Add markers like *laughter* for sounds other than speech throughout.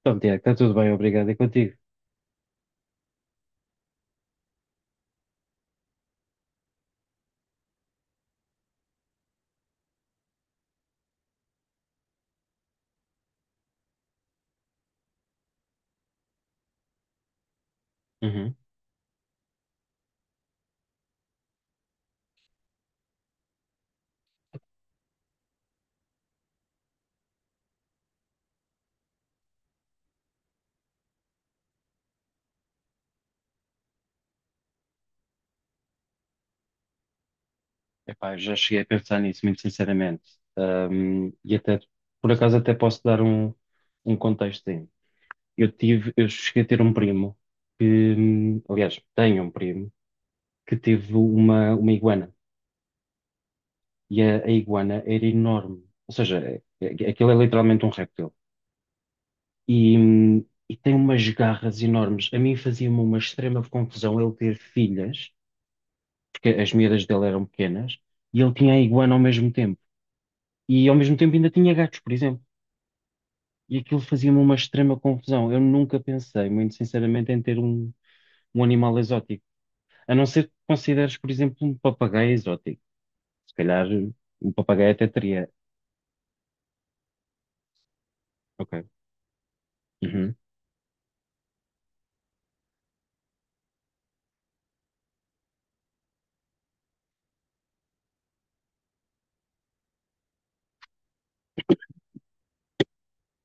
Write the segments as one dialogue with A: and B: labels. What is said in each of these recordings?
A: Então, Tiago, está tudo bem, obrigado. E contigo? Uhum. Epá, eu já cheguei a pensar nisso, muito sinceramente. E até, por acaso, até posso dar um contexto. Eu cheguei a ter um primo que, aliás, tenho um primo que teve uma iguana. E a iguana era enorme. Ou seja, aquilo é literalmente um réptil. E, hum, e tem umas garras enormes. A mim fazia-me uma extrema confusão ele ter filhas. Porque as miúdas dele eram pequenas, e ele tinha a iguana ao mesmo tempo. E ao mesmo tempo ainda tinha gatos, por exemplo. E aquilo fazia-me uma extrema confusão. Eu nunca pensei, muito sinceramente, em ter um animal exótico. A não ser que consideres, por exemplo, um papagaio exótico. Se calhar um papagaio até teria. Ok. Uhum,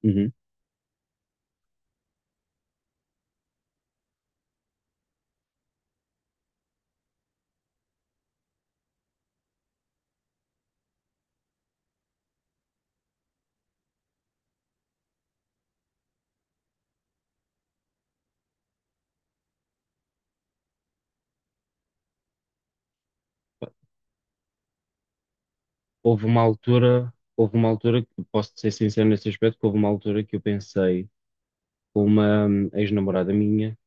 A: uhum. Houve uma altura que posso ser sincero nesse aspecto, que houve uma altura que eu pensei com uma ex-namorada minha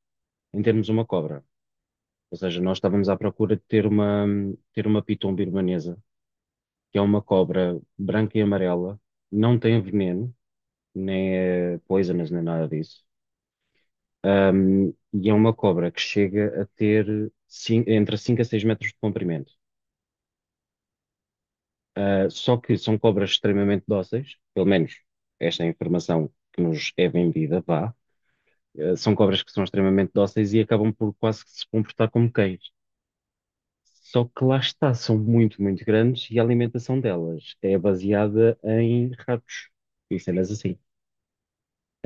A: em termos uma cobra. Ou seja, nós estávamos à procura de ter uma piton birmanesa, que é uma cobra branca e amarela, não tem veneno, nem é poisonous, nem nada disso. E é uma cobra que chega a ter entre 5 a 6 metros de comprimento. Ah, só que são cobras extremamente dóceis, pelo menos esta é a informação que nos é vendida, vá. Ah, são cobras que são extremamente dóceis e acabam por quase que se comportar como cães. Só que lá está, são muito, muito grandes e a alimentação delas é baseada em ratos e cenas assim.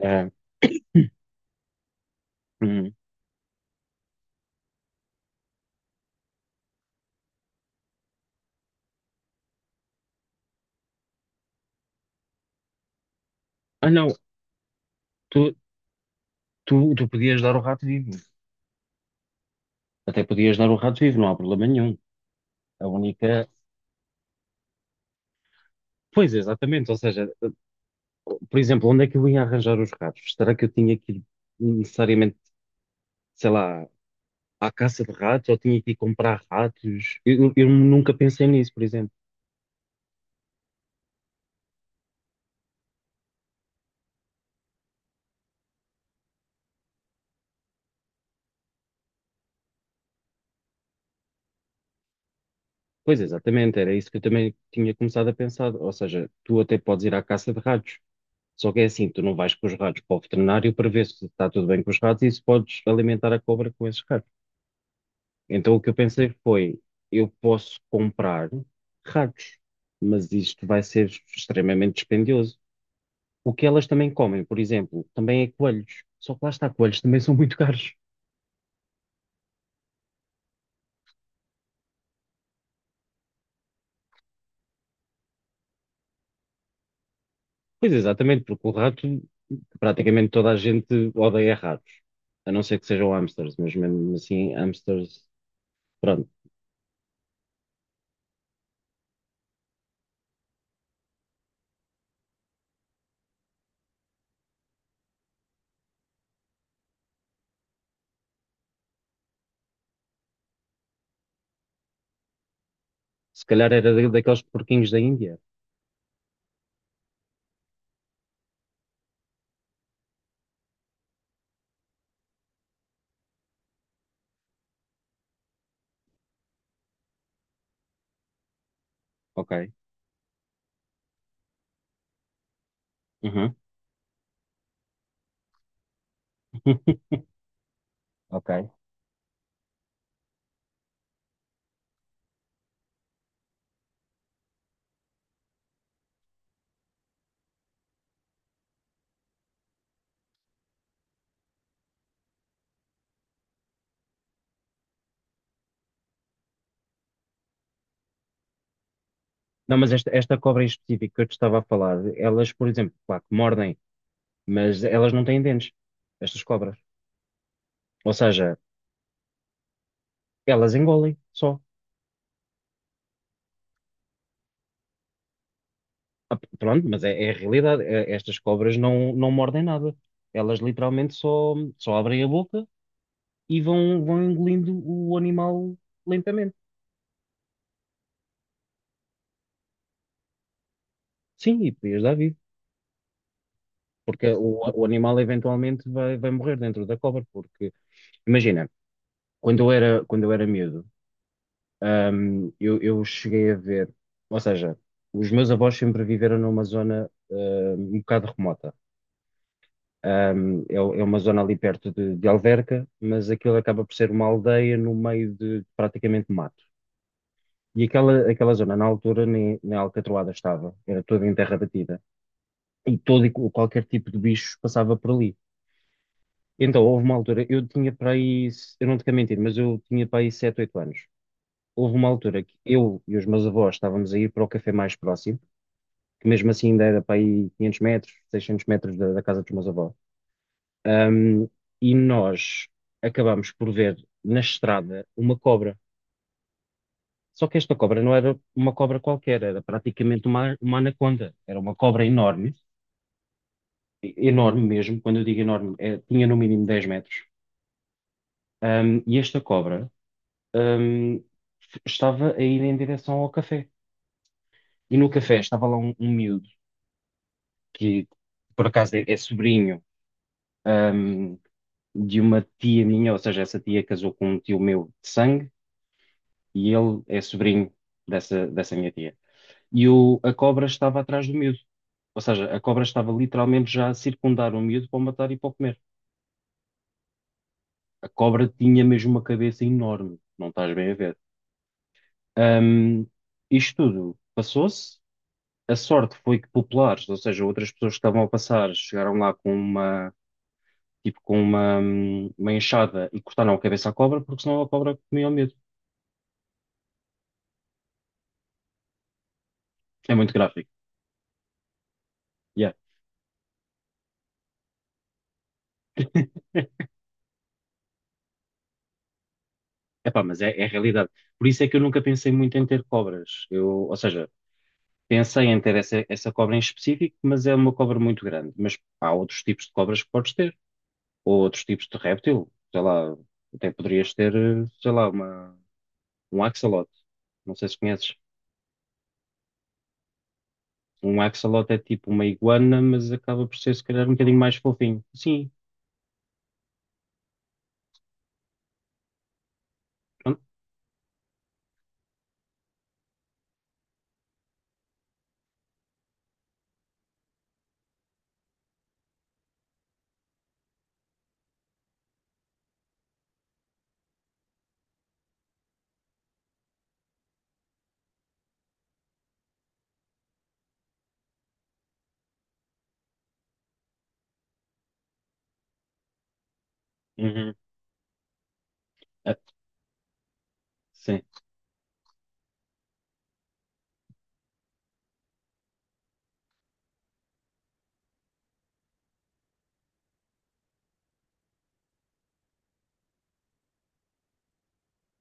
A: Ah, hum. Ah, não, tu, tu podias dar o rato vivo. Até podias dar o rato vivo, não há problema nenhum. A única. Pois, exatamente. Ou seja, por exemplo, onde é que eu ia arranjar os ratos? Será que eu tinha que ir necessariamente, sei lá, à caça de ratos ou tinha que ir comprar ratos? Eu nunca pensei nisso, por exemplo. Pois exatamente, era isso que eu também tinha começado a pensar. Ou seja, tu até podes ir à caça de ratos. Só que é assim, tu não vais com os ratos para o veterinário para ver se está tudo bem com os ratos e se podes alimentar a cobra com esses ratos. Então o que eu pensei foi, eu posso comprar ratos, mas isto vai ser extremamente dispendioso. O que elas também comem, por exemplo, também é coelhos. Só que lá está, coelhos também são muito caros. Pois exatamente, porque o rato, praticamente toda a gente odeia ratos, a não ser que sejam hamsters, mas mesmo assim, hamsters, pronto. Se calhar era daqueles porquinhos da Índia. Ok. Uhum. *laughs* Ok. Não, mas esta cobra em específico que eu te estava a falar, elas, por exemplo, claro que mordem, mas elas não têm dentes, estas cobras. Ou seja, elas engolem só. Pronto, mas é a realidade. Estas cobras não mordem nada. Elas literalmente só abrem a boca e vão engolindo o animal lentamente. Sim, e podias dar vida, porque o animal eventualmente vai morrer dentro da cobra, porque imagina, quando eu era miúdo, eu cheguei a ver, ou seja, os meus avós sempre viveram numa zona, um bocado remota. É uma zona ali perto de Alverca, mas aquilo acaba por ser uma aldeia no meio de praticamente mato. E aquela zona, na altura, nem alcatroada estava, era toda em terra batida. Qualquer tipo de bicho passava por ali. Então, houve uma altura, eu tinha para aí, eu não te quero mentir, mas eu tinha para aí 7 8 anos. Houve uma altura que eu e os meus avós estávamos a ir para o café mais próximo, que mesmo assim ainda era para aí 500 metros, 600 metros da casa dos meus avós. Ahm, e nós acabámos por ver na estrada uma cobra. Só que esta cobra não era uma cobra qualquer, era praticamente uma anaconda. Era uma cobra enorme, enorme mesmo. Quando eu digo enorme, tinha no mínimo 10 metros. E esta cobra, um, estava a ir em direção ao café. E no café estava lá um miúdo, que por acaso é sobrinho, um, de uma tia minha, ou seja, essa tia casou com um tio meu de sangue, e ele é sobrinho dessa minha tia. E a cobra estava atrás do miúdo. Ou seja, a cobra estava literalmente já a circundar o miúdo para o matar e para o comer. A cobra tinha mesmo uma cabeça enorme, não estás bem a ver. Um, isto tudo passou-se. A sorte foi que populares, ou seja, outras pessoas que estavam a passar, chegaram lá tipo, uma enxada e cortaram a cabeça à cobra, porque senão a cobra comia o medo. É muito gráfico. Yeah. *laughs* Epá, mas é a realidade. Por isso é que eu nunca pensei muito em ter cobras. Ou seja, pensei em ter essa cobra em específico, mas é uma cobra muito grande. Mas há outros tipos de cobras que podes ter, ou outros tipos de réptil. Sei lá, até poderias ter, sei lá, um axolote. Não sei se conheces. Um axolote é tipo uma iguana, mas acaba por ser se calhar um bocadinho mais fofinho. Sim, pronto. Uhum. Ah, sim,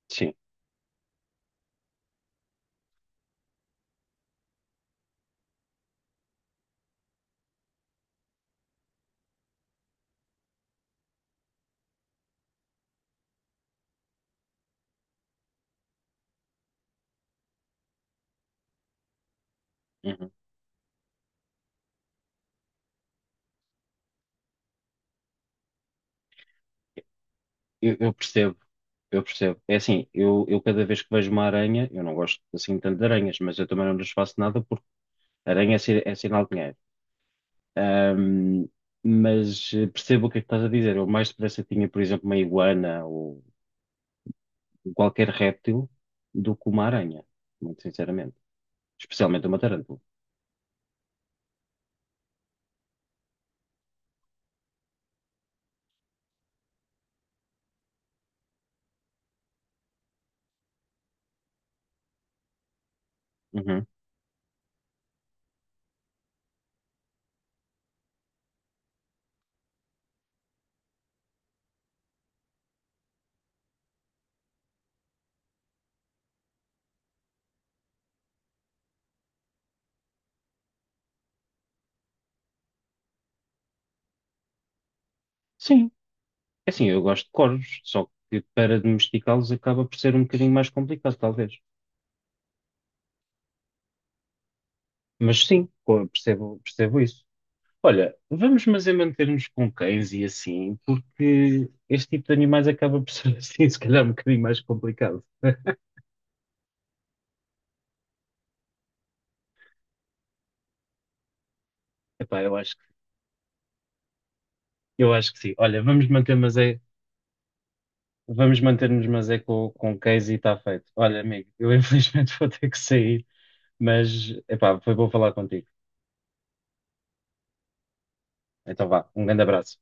A: sim. Uhum. Eu percebo, eu percebo. É assim, eu cada vez que vejo uma aranha, eu não gosto assim tanto de aranhas, mas eu também não lhes faço nada porque aranha é sinal de dinheiro. Ahm, mas percebo o que é que estás a dizer. Eu mais depressa tinha, por exemplo, uma iguana ou qualquer réptil do que uma aranha, muito sinceramente. Especialmente uma tarântula. Uhum. Sim, é assim, eu gosto de corvos, só que para domesticá-los acaba por ser um bocadinho mais complicado, talvez. Mas sim, percebo, percebo isso. Olha, vamos mas é manter-nos com cães e assim, porque este tipo de animais acaba por ser *laughs* assim, se calhar um bocadinho mais complicado. *laughs* Epá, eu acho que sim. Olha, vamos manter-nos mas é com cães e está feito. Olha, amigo, eu *laughs* infelizmente vou ter que sair, mas epá, foi bom falar contigo. Então vá, um grande abraço.